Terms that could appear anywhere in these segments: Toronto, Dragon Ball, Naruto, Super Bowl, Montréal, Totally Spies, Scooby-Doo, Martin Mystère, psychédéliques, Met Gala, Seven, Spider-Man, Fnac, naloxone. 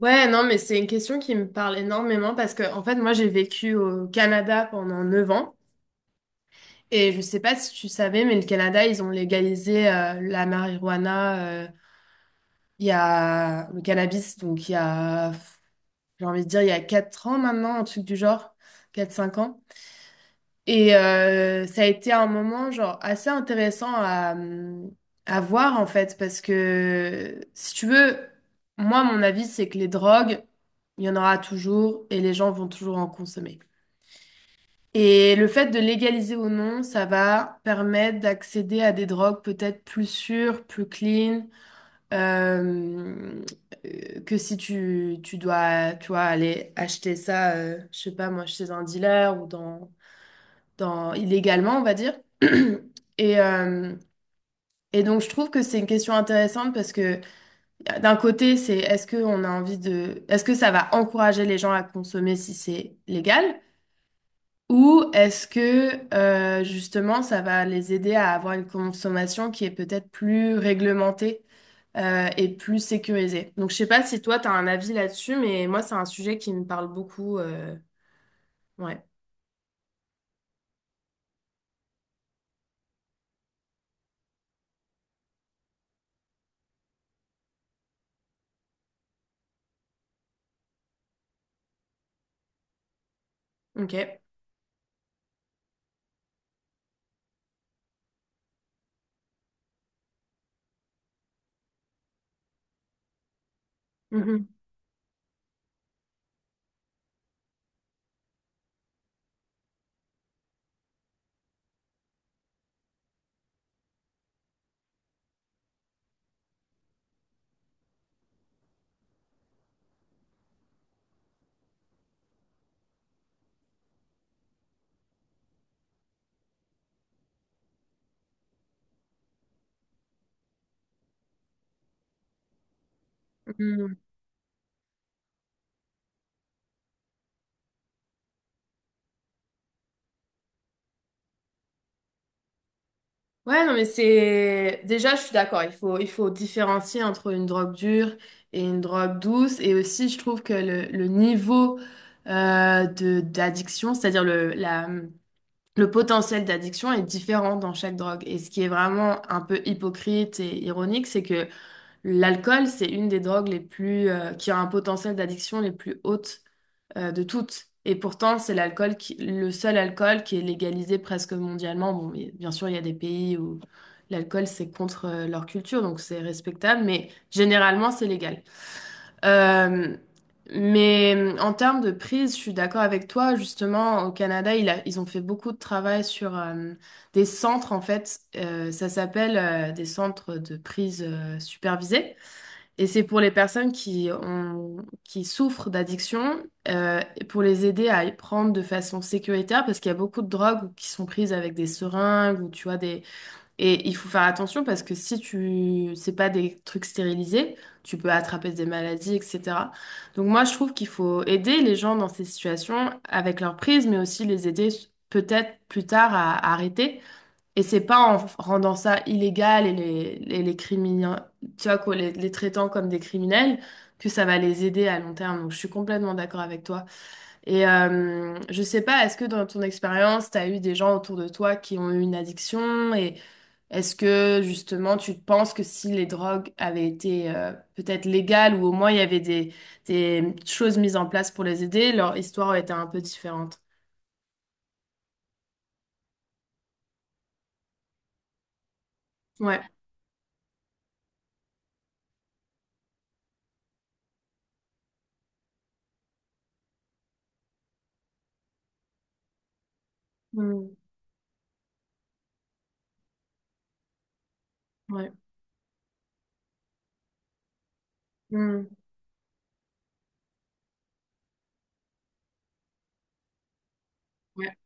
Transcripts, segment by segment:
Ouais, non, mais c'est une question qui me parle énormément parce que, en fait, moi, j'ai vécu au Canada pendant 9 ans et je sais pas si tu savais, mais le Canada, ils ont légalisé la marijuana, il y a le cannabis, donc il y a, j'ai envie de dire, il y a 4 ans maintenant, un truc du genre, 4 5 ans. Et ça a été un moment genre assez intéressant à voir en fait parce que si tu veux, moi mon avis c'est que les drogues, il y en aura toujours et les gens vont toujours en consommer. Et le fait de légaliser ou non, ça va permettre d'accéder à des drogues peut-être plus sûres, plus clean, euh, que si tu dois tu vois, aller acheter ça, je sais pas moi, chez un dealer ou dans, illégalement, on va dire. Et, euh, et donc, je trouve que c'est une question intéressante parce que d'un côté, c'est est-ce que on a envie de, est-ce que ça va encourager les gens à consommer si c'est légal? Ou est-ce que justement ça va les aider à avoir une consommation qui est peut-être plus réglementée et plus sécurisée? Donc je sais pas si toi tu as un avis là-dessus, mais moi c'est un sujet qui me parle beaucoup. Ouais, ok. Mhm. Ouais, non, mais c'est... Déjà, je suis d'accord, il faut différencier entre une drogue dure et une drogue douce. Et aussi, je trouve que le niveau d'addiction, c'est-à-dire le potentiel d'addiction est différent dans chaque drogue. Et ce qui est vraiment un peu hypocrite et ironique, c'est que l'alcool, c'est une des drogues les plus, qui a un potentiel d'addiction les plus hautes de toutes. Et pourtant, c'est le seul alcool qui est légalisé presque mondialement. Bon, mais bien sûr, il y a des pays où l'alcool, c'est contre leur culture, donc c'est respectable, mais généralement, c'est légal. Euh, mais en termes de prise, je suis d'accord avec toi. Justement, au Canada, ils ont fait beaucoup de travail sur des centres, en fait. Ça s'appelle des centres de prise supervisée. Et c'est pour les personnes qui souffrent d'addiction, et pour les aider à y prendre de façon sécuritaire, parce qu'il y a beaucoup de drogues qui sont prises avec des seringues ou tu vois des. Et il faut faire attention parce que si tu, c'est pas des trucs stérilisés, tu peux attraper des maladies, etc. Donc moi, je trouve qu'il faut aider les gens dans ces situations avec leur prise, mais aussi les aider peut-être plus tard à arrêter. Et c'est pas rendant ça illégal et les criminels, tu vois, quoi, les traitant comme des criminels, que ça va les aider à long terme. Donc, je suis complètement d'accord avec toi. Et je sais pas, est-ce que dans ton expérience, tu as eu des gens autour de toi qui ont eu une addiction? Et est-ce que, justement, tu penses que si les drogues avaient été peut-être légales ou au moins il y avait des choses mises en place pour les aider, leur histoire aurait été un peu différente? Ouais. Mm. Ouais. Mm. Ouais.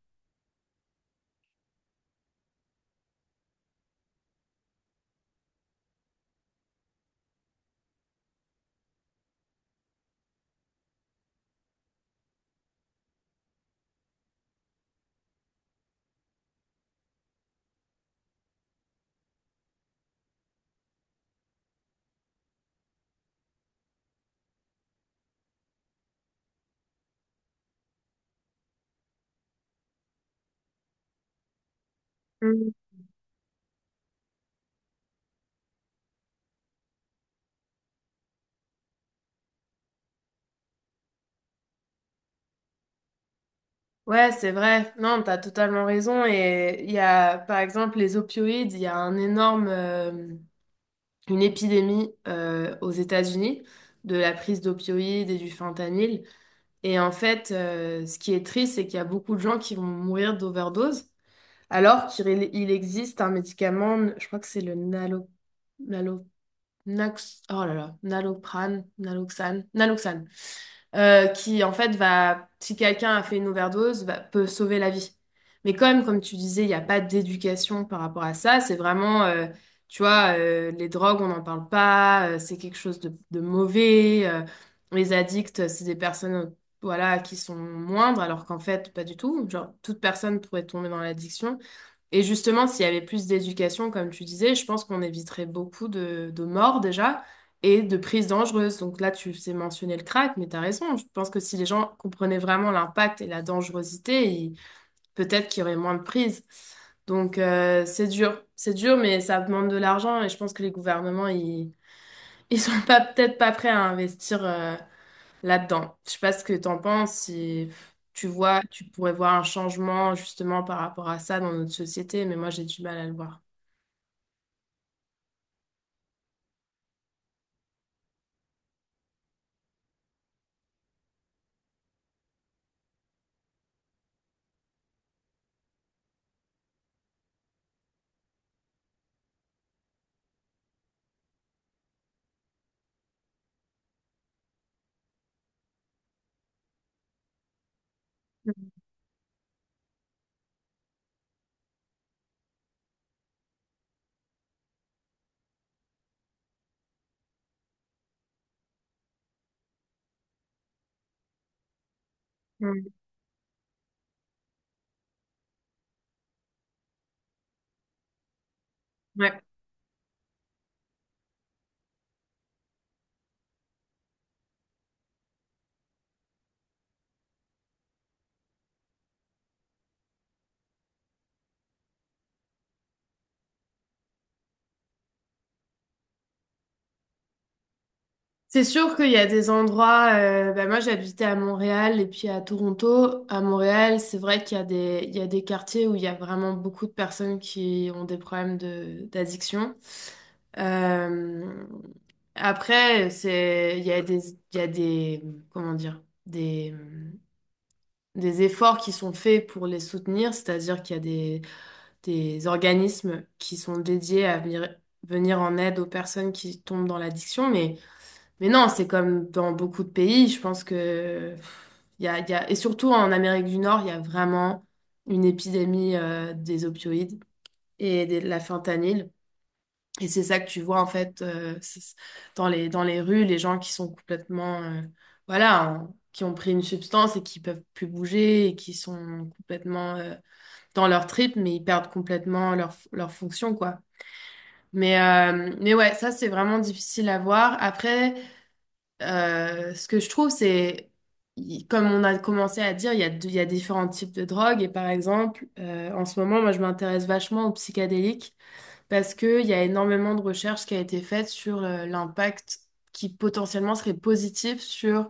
Ouais, c'est vrai. Non, t'as totalement raison. Et il y a, par exemple, les opioïdes, il y a un énorme, une épidémie aux États-Unis de la prise d'opioïdes et du fentanyl. Et en fait, ce qui est triste, c'est qu'il y a beaucoup de gens qui vont mourir d'overdose, alors qu'il il existe un médicament, je crois que c'est le nalo, nalo, nax- oh là là, naloprane, naloxane, naloxane qui en fait si quelqu'un a fait une overdose, peut sauver la vie. Mais comme tu disais, il n'y a pas d'éducation par rapport à ça, c'est vraiment, tu vois, les drogues, on n'en parle pas, c'est quelque chose de mauvais, les addicts, c'est des personnes, voilà, qui sont moindres, alors qu'en fait, pas du tout. Genre, toute personne pourrait tomber dans l'addiction. Et justement, s'il y avait plus d'éducation, comme tu disais, je pense qu'on éviterait beaucoup de morts déjà et de prises dangereuses. Donc là, tu sais mentionner le crack, mais t'as raison. Je pense que si les gens comprenaient vraiment l'impact et la dangerosité, peut-être qu'il y aurait moins de prises. Donc c'est dur. C'est dur, mais ça demande de l'argent et je pense que les gouvernements, ils sont pas peut-être pas prêts à investir. Là-dedans. Je sais pas ce que t'en penses, si tu vois, tu pourrais voir un changement justement par rapport à ça dans notre société, mais moi j'ai du mal à le voir. Mm. Ouais. C'est sûr qu'il y a des endroits, bah, moi j'habitais à Montréal et puis à Toronto. À Montréal, c'est vrai qu'il y a des, il y a des quartiers où il y a vraiment beaucoup de personnes qui ont des problèmes d'addiction. Euh, Après, il y a des, il y a des, comment dire, des efforts qui sont faits pour les soutenir, c'est-à-dire qu'il y a des organismes qui sont dédiés à venir, venir en aide aux personnes qui tombent dans l'addiction, mais non, c'est comme dans beaucoup de pays, je pense que pff, il y a, et surtout en Amérique du Nord, il y a vraiment une épidémie des opioïdes et de la fentanyl. Et c'est ça que tu vois en fait dans les rues, les gens qui sont complètement, voilà, qui ont pris une substance et qui peuvent plus bouger et qui sont complètement dans leur trip, mais ils perdent complètement leur fonction, quoi. Mais ouais, ça c'est vraiment difficile à voir. Après, ce que je trouve, c'est, comme on a commencé à dire, il y a différents types de drogues. Et par exemple, en ce moment, moi je m'intéresse vachement aux psychédéliques parce qu'il y a énormément de recherches qui a été faite sur l'impact qui potentiellement serait positif sur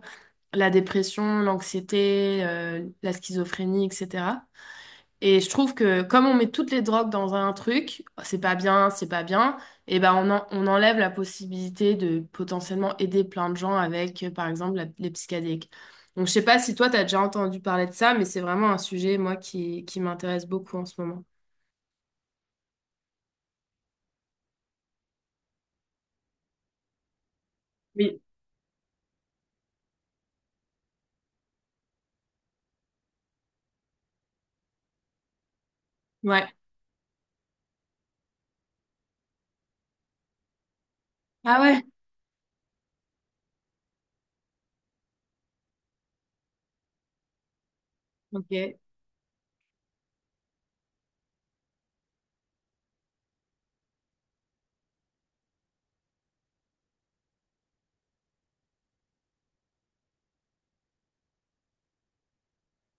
la dépression, l'anxiété, la schizophrénie, etc. Et je trouve que comme on met toutes les drogues dans un truc, oh, c'est pas bien, et ben on enlève la possibilité de potentiellement aider plein de gens avec, par exemple, les psychédéliques. Donc je sais pas si toi t'as déjà entendu parler de ça, mais c'est vraiment un sujet, moi, qui m'intéresse beaucoup en ce moment. Oui. Ouais. Ah ouais? Ok.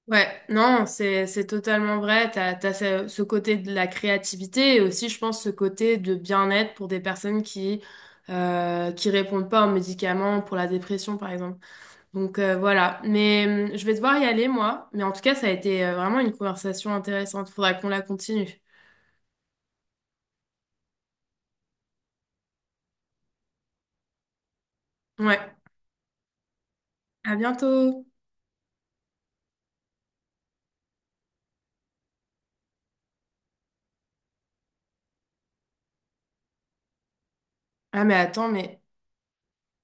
Ouais, non, c'est totalement vrai. T'as ce côté de la créativité et aussi, je pense, ce côté de bien-être pour des personnes qui répondent pas aux médicaments pour la dépression, par exemple. Donc voilà. Mais je vais devoir y aller, moi. Mais en tout cas, ça a été vraiment une conversation intéressante. Faudra qu'on la continue. Ouais. À bientôt. Ah mais attends, mais